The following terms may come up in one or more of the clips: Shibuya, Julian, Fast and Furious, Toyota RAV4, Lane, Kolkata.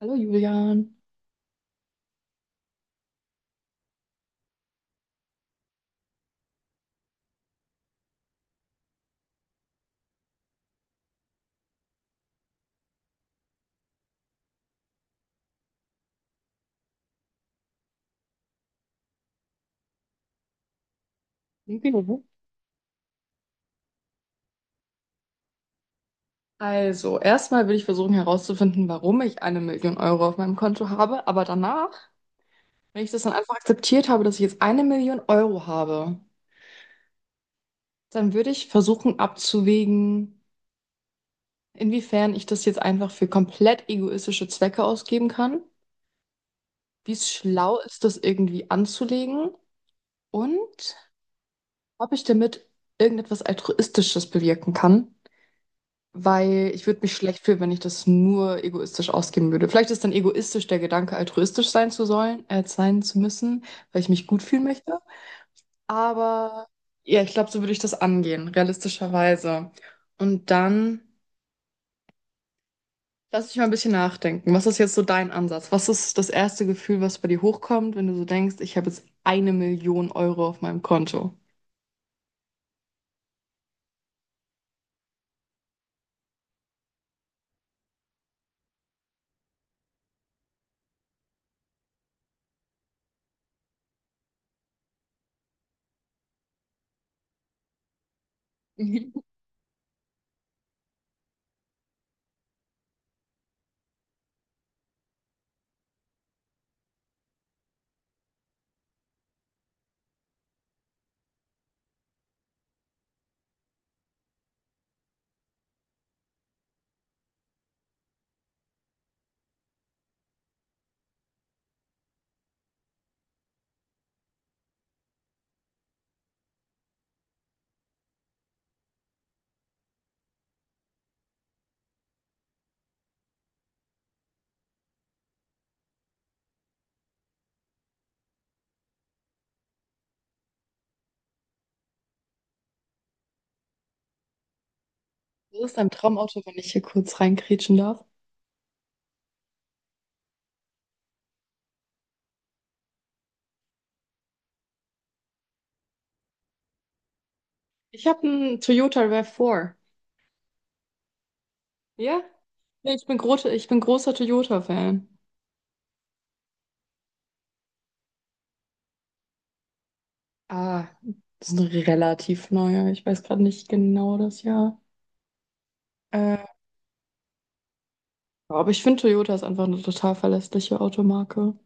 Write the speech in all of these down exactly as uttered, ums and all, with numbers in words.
Hallo Julian. Mhm. Also, erstmal will ich versuchen herauszufinden, warum ich eine Million Euro auf meinem Konto habe, aber danach, wenn ich das dann einfach akzeptiert habe, dass ich jetzt eine Million Euro habe, dann würde ich versuchen abzuwägen, inwiefern ich das jetzt einfach für komplett egoistische Zwecke ausgeben kann, wie es schlau ist, das irgendwie anzulegen und ob ich damit irgendetwas Altruistisches bewirken kann. Weil ich würde mich schlecht fühlen, wenn ich das nur egoistisch ausgeben würde. Vielleicht ist dann egoistisch der Gedanke, altruistisch sein zu sollen, äh, sein zu müssen, weil ich mich gut fühlen möchte. Aber ja, ich glaube, so würde ich das angehen, realistischerweise. Und dann lass ich mal ein bisschen nachdenken. Was ist jetzt so dein Ansatz? Was ist das erste Gefühl, was bei dir hochkommt, wenn du so denkst, ich habe jetzt eine Million Euro auf meinem Konto? Mhm. Was ist dein Traumauto, wenn ich hier kurz reinkrätschen darf? Ich habe einen Toyota R A V vier. Ja? Nee, ich bin großer, ich bin großer Toyota-Fan. Ah, das ist ein relativ neuer. Ich weiß gerade nicht genau das Jahr. Äh, aber ich finde, Toyota ist einfach eine total verlässliche Automarke.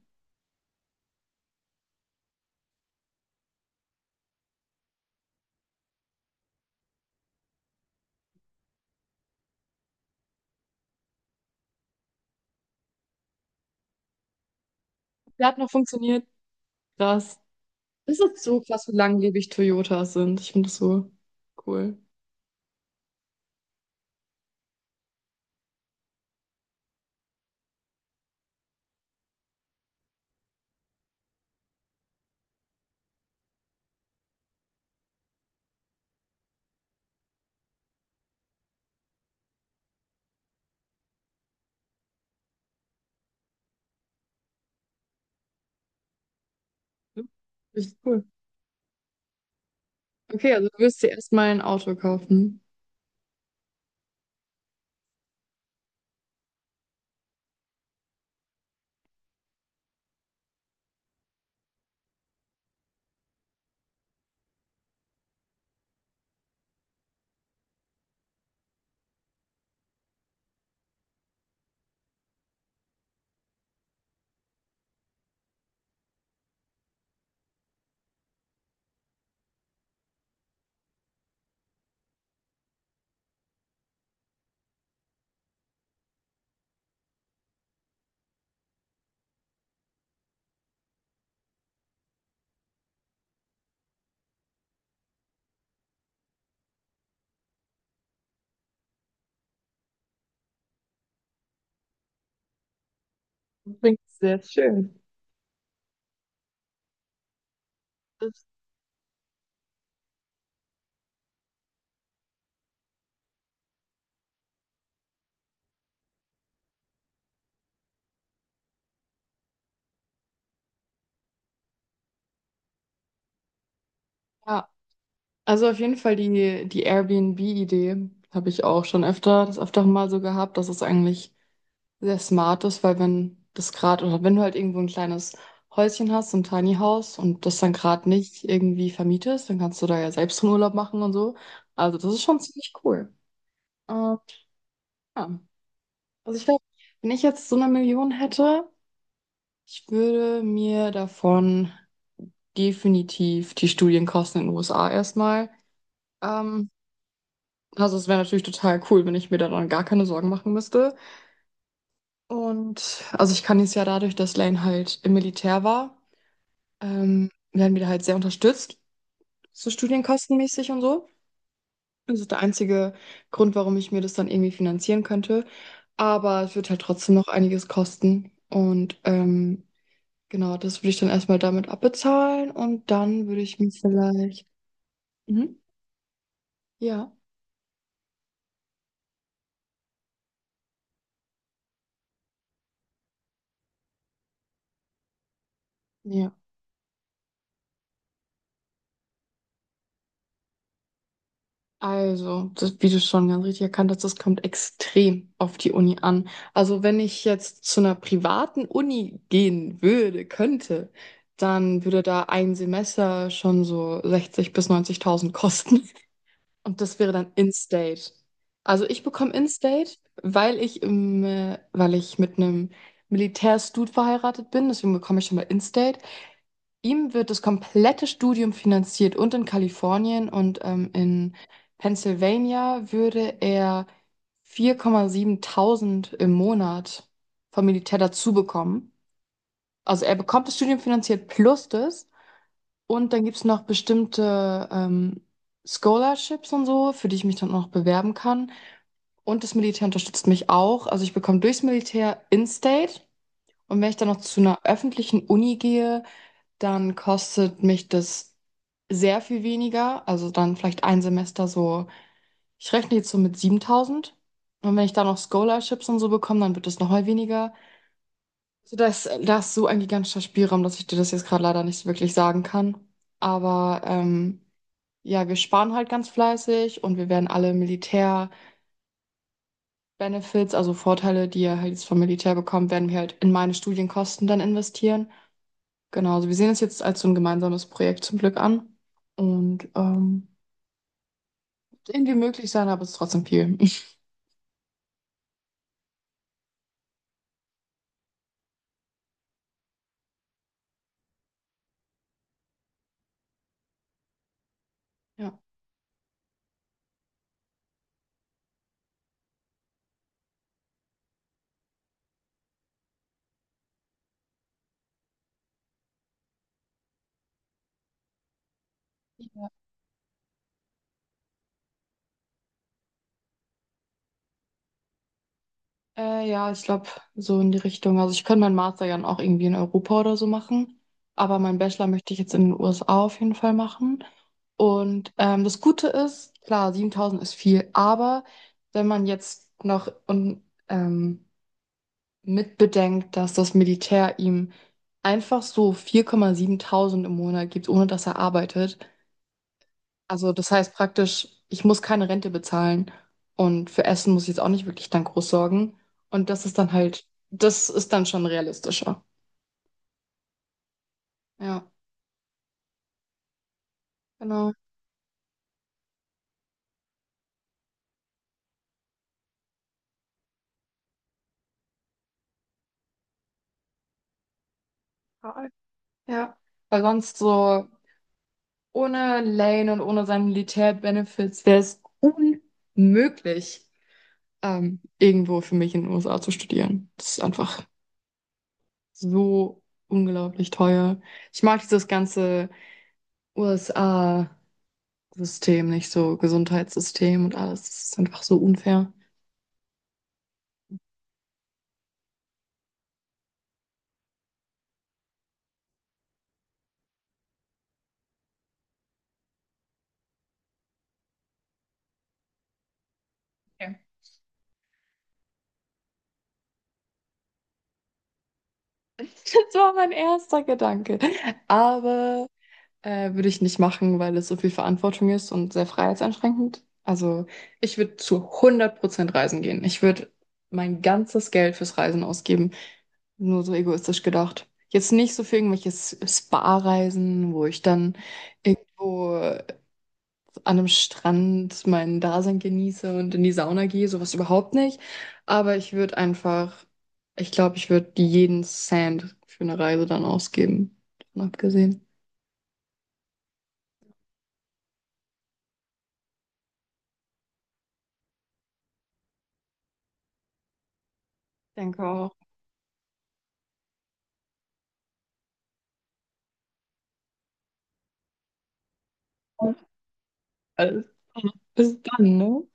Der hat noch funktioniert. Krass. Das ist so krass, wie langlebig Toyotas sind. Ich finde das so cool. Richtig cool. Okay, also du wirst dir erstmal ein Auto kaufen. Das klingt sehr schön. Das, ja. Also auf jeden Fall die, die Airbnb-Idee habe ich auch schon öfter, das öfter mal so gehabt, dass es eigentlich sehr smart ist, weil wenn das gerade, oder wenn du halt irgendwo ein kleines Häuschen hast, so ein Tiny House und das dann gerade nicht irgendwie vermietest, dann kannst du da ja selbst einen Urlaub machen und so. Also das ist schon ziemlich cool. Ähm, ja. Also ich glaube, wenn ich jetzt so eine Million hätte, ich würde mir davon definitiv die Studienkosten in den U S A erstmal ähm, Also, es wäre natürlich total cool, wenn ich mir da dann gar keine Sorgen machen müsste. Und also ich kann jetzt ja dadurch, dass Lane halt im Militär war, ähm, werden wir da halt sehr unterstützt, so studienkostenmäßig und so. Das ist der einzige Grund, warum ich mir das dann irgendwie finanzieren könnte. Aber es wird halt trotzdem noch einiges kosten. Und ähm, genau, das würde ich dann erstmal damit abbezahlen und dann würde ich mich vielleicht. Mhm. Ja. Ja. Also, das, wie du schon ganz richtig erkannt hast, das kommt extrem auf die Uni an. Also, wenn ich jetzt zu einer privaten Uni gehen würde, könnte, dann würde da ein Semester schon so sechzigtausend bis neunzigtausend kosten. Und das wäre dann In-State. Also, ich bekomme In-State, weil ich im, äh, weil ich mit einem Militärstud verheiratet bin. Deswegen bekomme ich schon mal In-State. Ihm wird das komplette Studium finanziert und in Kalifornien und ähm, in Pennsylvania würde er vier,siebentausend im Monat vom Militär dazu bekommen. Also er bekommt das Studium finanziert plus das und dann gibt es noch bestimmte ähm, Scholarships und so, für die ich mich dann auch noch bewerben kann. Und das Militär unterstützt mich auch. Also ich bekomme durchs Militär in-state und wenn ich dann noch zu einer öffentlichen Uni gehe, dann kostet mich das sehr viel weniger. Also dann vielleicht ein Semester so, ich rechne jetzt so mit siebentausend. Und wenn ich da noch Scholarships und so bekomme, dann wird es noch mal weniger. So, da ist, da ist so ein gigantischer Spielraum, dass ich dir das jetzt gerade leider nicht wirklich sagen kann. Aber ähm, ja, wir sparen halt ganz fleißig und wir werden alle Militär-Benefits, also Vorteile, die ihr halt jetzt vom Militär bekommt, werden wir halt in meine Studienkosten dann investieren. Genau, also wir sehen es jetzt als so ein gemeinsames Projekt zum Glück an. Und ähm, irgendwie möglich sein, aber es ist trotzdem viel. Ja, äh, ja, ich glaube, so in die Richtung. Also ich könnte meinen Master ja auch irgendwie in Europa oder so machen. Aber meinen Bachelor möchte ich jetzt in den U S A auf jeden Fall machen. Und ähm, das Gute ist, klar, siebentausend ist viel, aber wenn man jetzt noch un, ähm, mitbedenkt, dass das Militär ihm einfach so vier Komma sieben im Monat gibt, ohne dass er arbeitet. Also das heißt praktisch, ich muss keine Rente bezahlen und für Essen muss ich jetzt auch nicht wirklich dann groß sorgen. Und das ist dann halt, das ist dann schon realistischer. Ja, genau. Total. Ja. Weil sonst so ohne Lane und ohne seine Militär-Benefits wäre es unmöglich, ähm, irgendwo für mich in den U S A zu studieren. Das ist einfach so unglaublich teuer. Ich mag dieses ganze U S A. System, nicht so Gesundheitssystem und alles. Das ist einfach so unfair. Okay. Das war mein erster Gedanke. Aber äh, würde ich nicht machen, weil es so viel Verantwortung ist und sehr freiheitseinschränkend. Also ich würde zu hundert Prozent reisen gehen. Ich würde mein ganzes Geld fürs Reisen ausgeben. Nur so egoistisch gedacht. Jetzt nicht so für irgendwelche S- Spa-Reisen, wo ich dann irgendwo an einem Strand mein Dasein genieße und in die Sauna gehe, sowas überhaupt nicht. Aber ich würde einfach, ich glaube, ich würde jeden Cent für eine Reise dann ausgeben. Davon abgesehen. Denke auch. Alles klar. Bis dann, ne?